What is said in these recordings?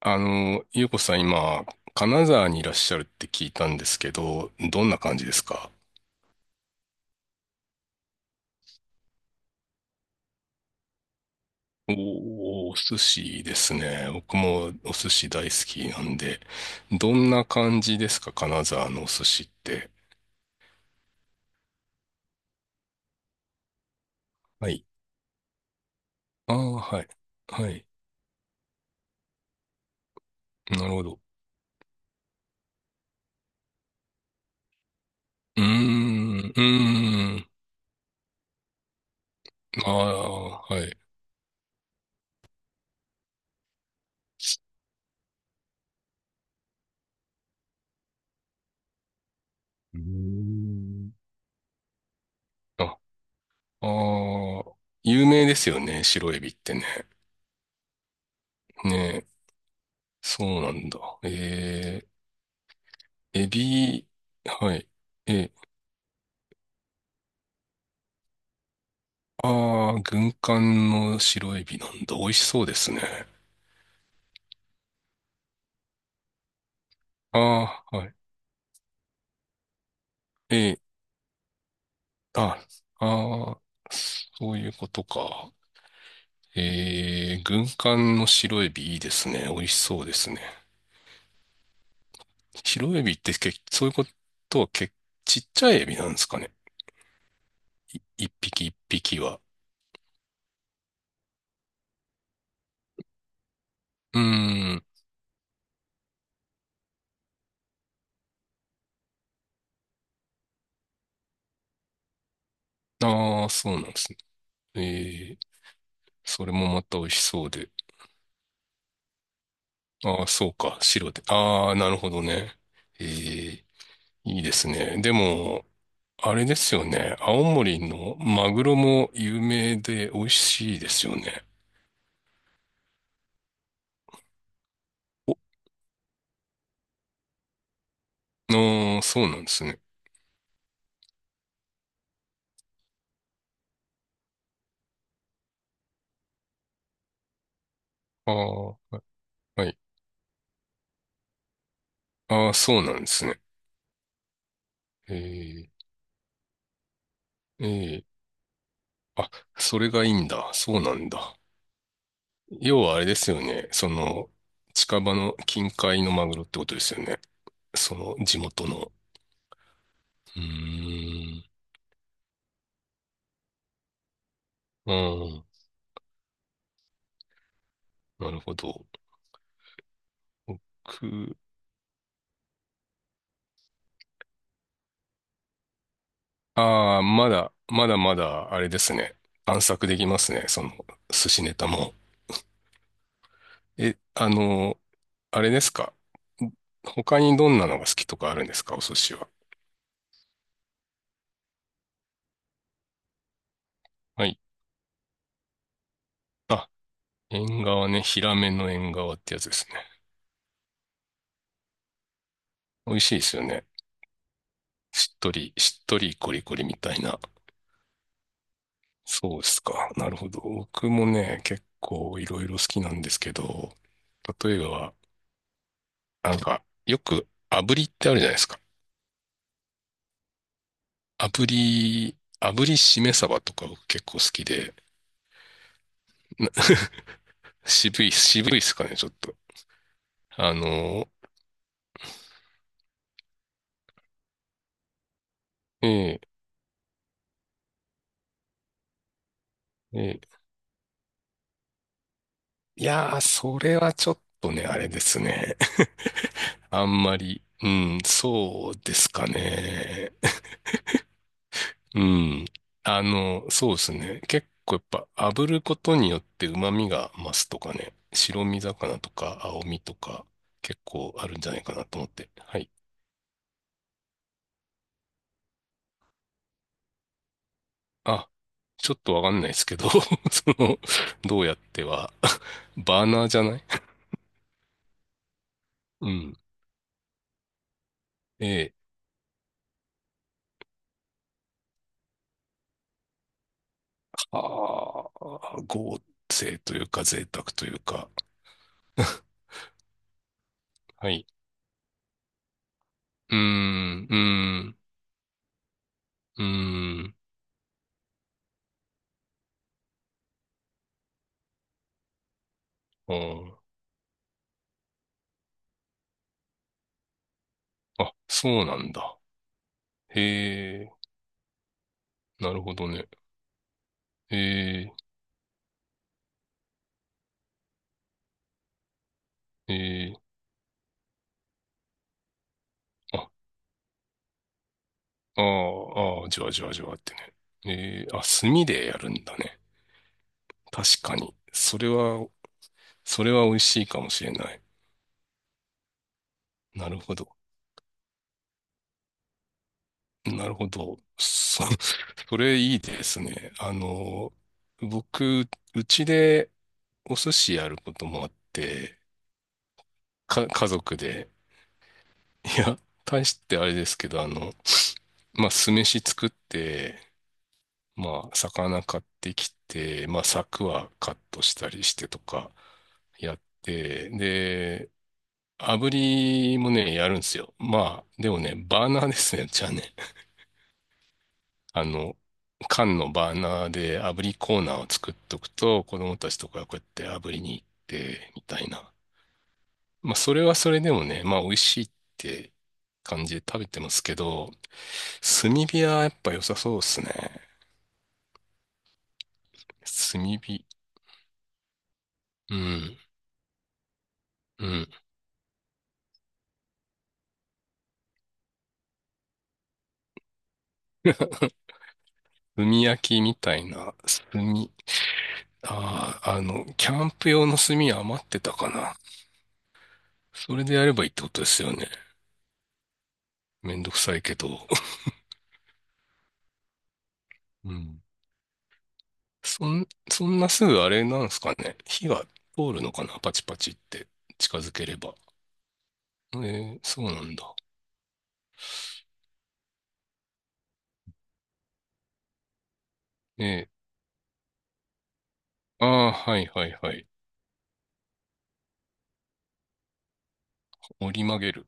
ゆうこさん今、金沢にいらっしゃるって聞いたんですけど、どんな感じですか？おー、お寿司ですね。僕もお寿司大好きなんで、どんな感じですか金沢のお寿司って。はい。ああ、はい。はい。なるほど。うーん、うーん、ああ、はい。うーん。あ、ああ。有名ですよね、白エビってね。ね、そうなんだ。ええ。エビ、はい。え、ああ、軍艦の白エビなんだ。美味しそうですね。ああ、はい。え、あ、ああ、そういうことか。えー、軍艦の白エビいいですね。美味しそうですね。白エビってけ、そういうことはけ、ちっちゃいエビなんですかね。い、一匹一匹は。うーん。ああ、そうなんですね。えー、それもまた美味しそうで。ああ、そうか。白で。ああ、なるほどね。ええ、いいですね。でも、あれですよね。青森のマグロも有名で美味しいですよね。お、ああ、そうなんですね。ああ、はい。ああ、そうなんですね。ええ、ええ。あ、それがいいんだ。そうなんだ。要はあれですよね。その、近場の近海のマグロってことですよね。その地元の。うーん。うん。なるほど。僕、ああ、まだ、まだまだ、あれですね。探索できますね。その、寿司ネタも。え、あれですか。他にどんなのが好きとかあるんですか、お寿司は。はい。あ、縁側ね。ヒラメの縁側ってやつですね。美味しいですよね。しっとり、しっとりコリコリみたいな。そうですか。なるほど。僕もね、結構いろいろ好きなんですけど、例えば、なんか、よく炙りってあるじゃないですか。炙りしめ鯖とか結構好きで、渋いっすかね、ちょっと。あの、ええ、ええ。いやー、それはちょっとね、あれですね。あんまり、うん、そうですかね。うん。あの、そうですね。結構やっぱ炙ることによって旨味が増すとかね、白身魚とか青身とか結構あるんじゃないかなと思って。はい。あ、ちょっとわかんないですけど、その、どうやっては、バーナーじゃない。うん。ええ。ああ、合成というか贅沢というか。はい。うーん、うーん、うーん、うん。あ、そうなんだ。へえ、なるほどね。へえ、へえ、あ、ああ、ああ、じわじわじわってね。ええ、あ、炭でやるんだね。確かに。それは、それは美味しいかもしれない。なるほど。なるほど。そ、それいいですね。あの、僕、うちでお寿司やることもあって、か、家族で。いや、大してあれですけど、あの、まあ、酢飯作って、まあ、魚買ってきて、まあ、柵はカットしたりしてとかやって、で、炙りもね、やるんですよ。まあ、でもね、バーナーですね、じゃあね。あの、缶のバーナーで炙りコーナーを作っとくと、子供たちとかがこうやって炙りに行って、みたいな。まあ、それはそれでもね、まあ、美味しいって感じで食べてますけど、炭火はやっぱ良さそうですね。炭火。うん。うん。炭焼きみたいな、炭。ああ、あの、キャンプ用の炭余ってたかな。それでやればいいってことですよね。めんどくさいけど。うん。そんなすぐあれなんですかね。火が通るのかなパチパチって近づければ。えー、そうなんだ。えー、ああ、はいはいはい。折り曲げる。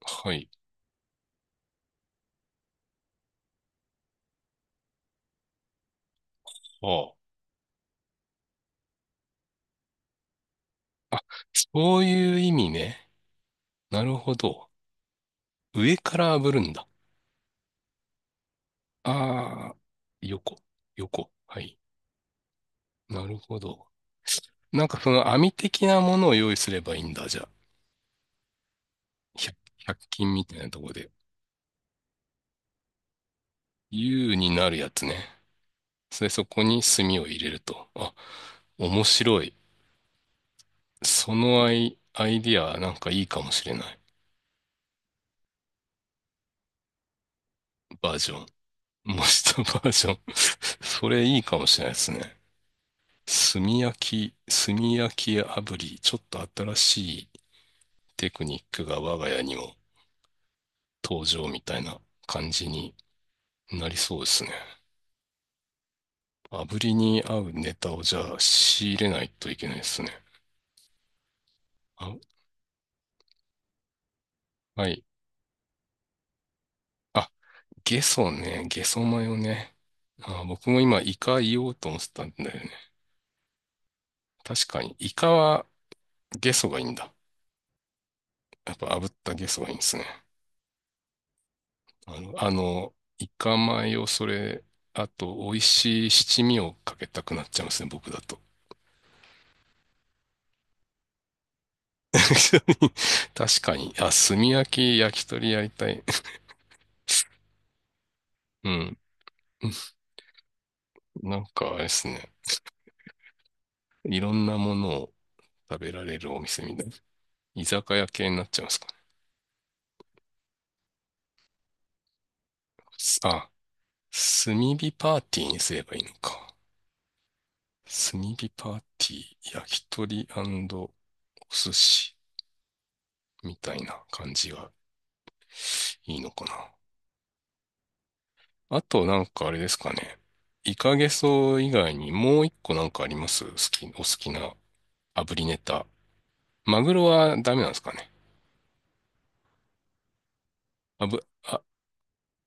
はい。ああ。あ、そういう意味ね。なるほど。上から炙るんだ。ああ、横、横。はい。なるほど。なんかその網的なものを用意すればいいんだ。じゃあ、100均みたいなとこで。U になるやつね。それそこに炭を入れると。あ、面白い。アイディアなんかいいかもしれない。バージョン。模したバージョン。それいいかもしれないですね。炭焼き、炭焼き炙り、ちょっと新しいテクニックが我が家にも登場みたいな感じになりそうですね。炙りに合うネタをじゃあ仕入れないといけないですね。あ、はい。あ、ゲソね。ゲソマヨね。あ、僕も今イカ言おうと思ってたんだよね。確かに、イカは。ゲソがいいんだ。やっぱ炙ったゲソがいいんですね。あの、あの、イカ米をそれ、あと、美味しい七味をかけたくなっちゃいますね、僕だと。確かに。あ、炭焼き、焼き鳥やりたい。うん。なんか、あれですね。いろんなものを食べられるお店みたいな。居酒屋系になっちゃいますかね。あ、炭火パーティーにすればいいのか。炭火パーティー、焼き鳥お寿司。みたいな感じがいいのかな。あとなんかあれですかね。イカゲソ以外にもう一個なんかあります好き、お好きな炙りネタ。マグロはダメなんですかね。あぶ、あ、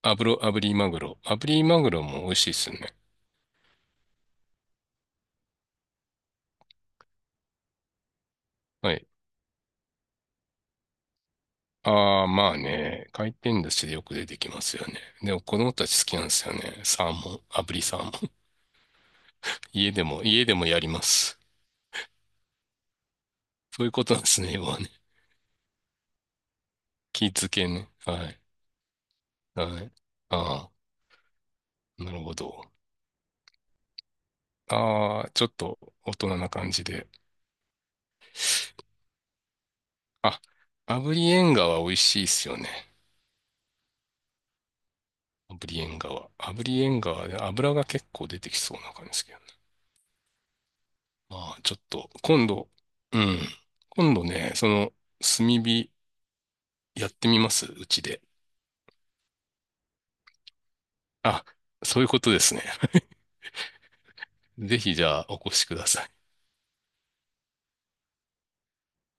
炙ろ、炙りマグロ。炙りマグロも美味しいっすよね。はい。ああ、まあね。回転寿司でよく出てきますよね。でも子供たち好きなんですよね。サーモン、炙りサーモン。家でもやります。そういうことなんですね、要はね。気付けね。はい。はい。ああ、なるほど。ああ、ちょっと大人な感じで。あ、炙り縁側美味しいっすよね。炙り縁側。炙り縁側で油が結構出てきそうな感じですけどね。まあ、ちょっと、今度、うん。今度ね、その、炭火やってみますうちで。あ、そういうことですね。ぜひじゃあお越しください。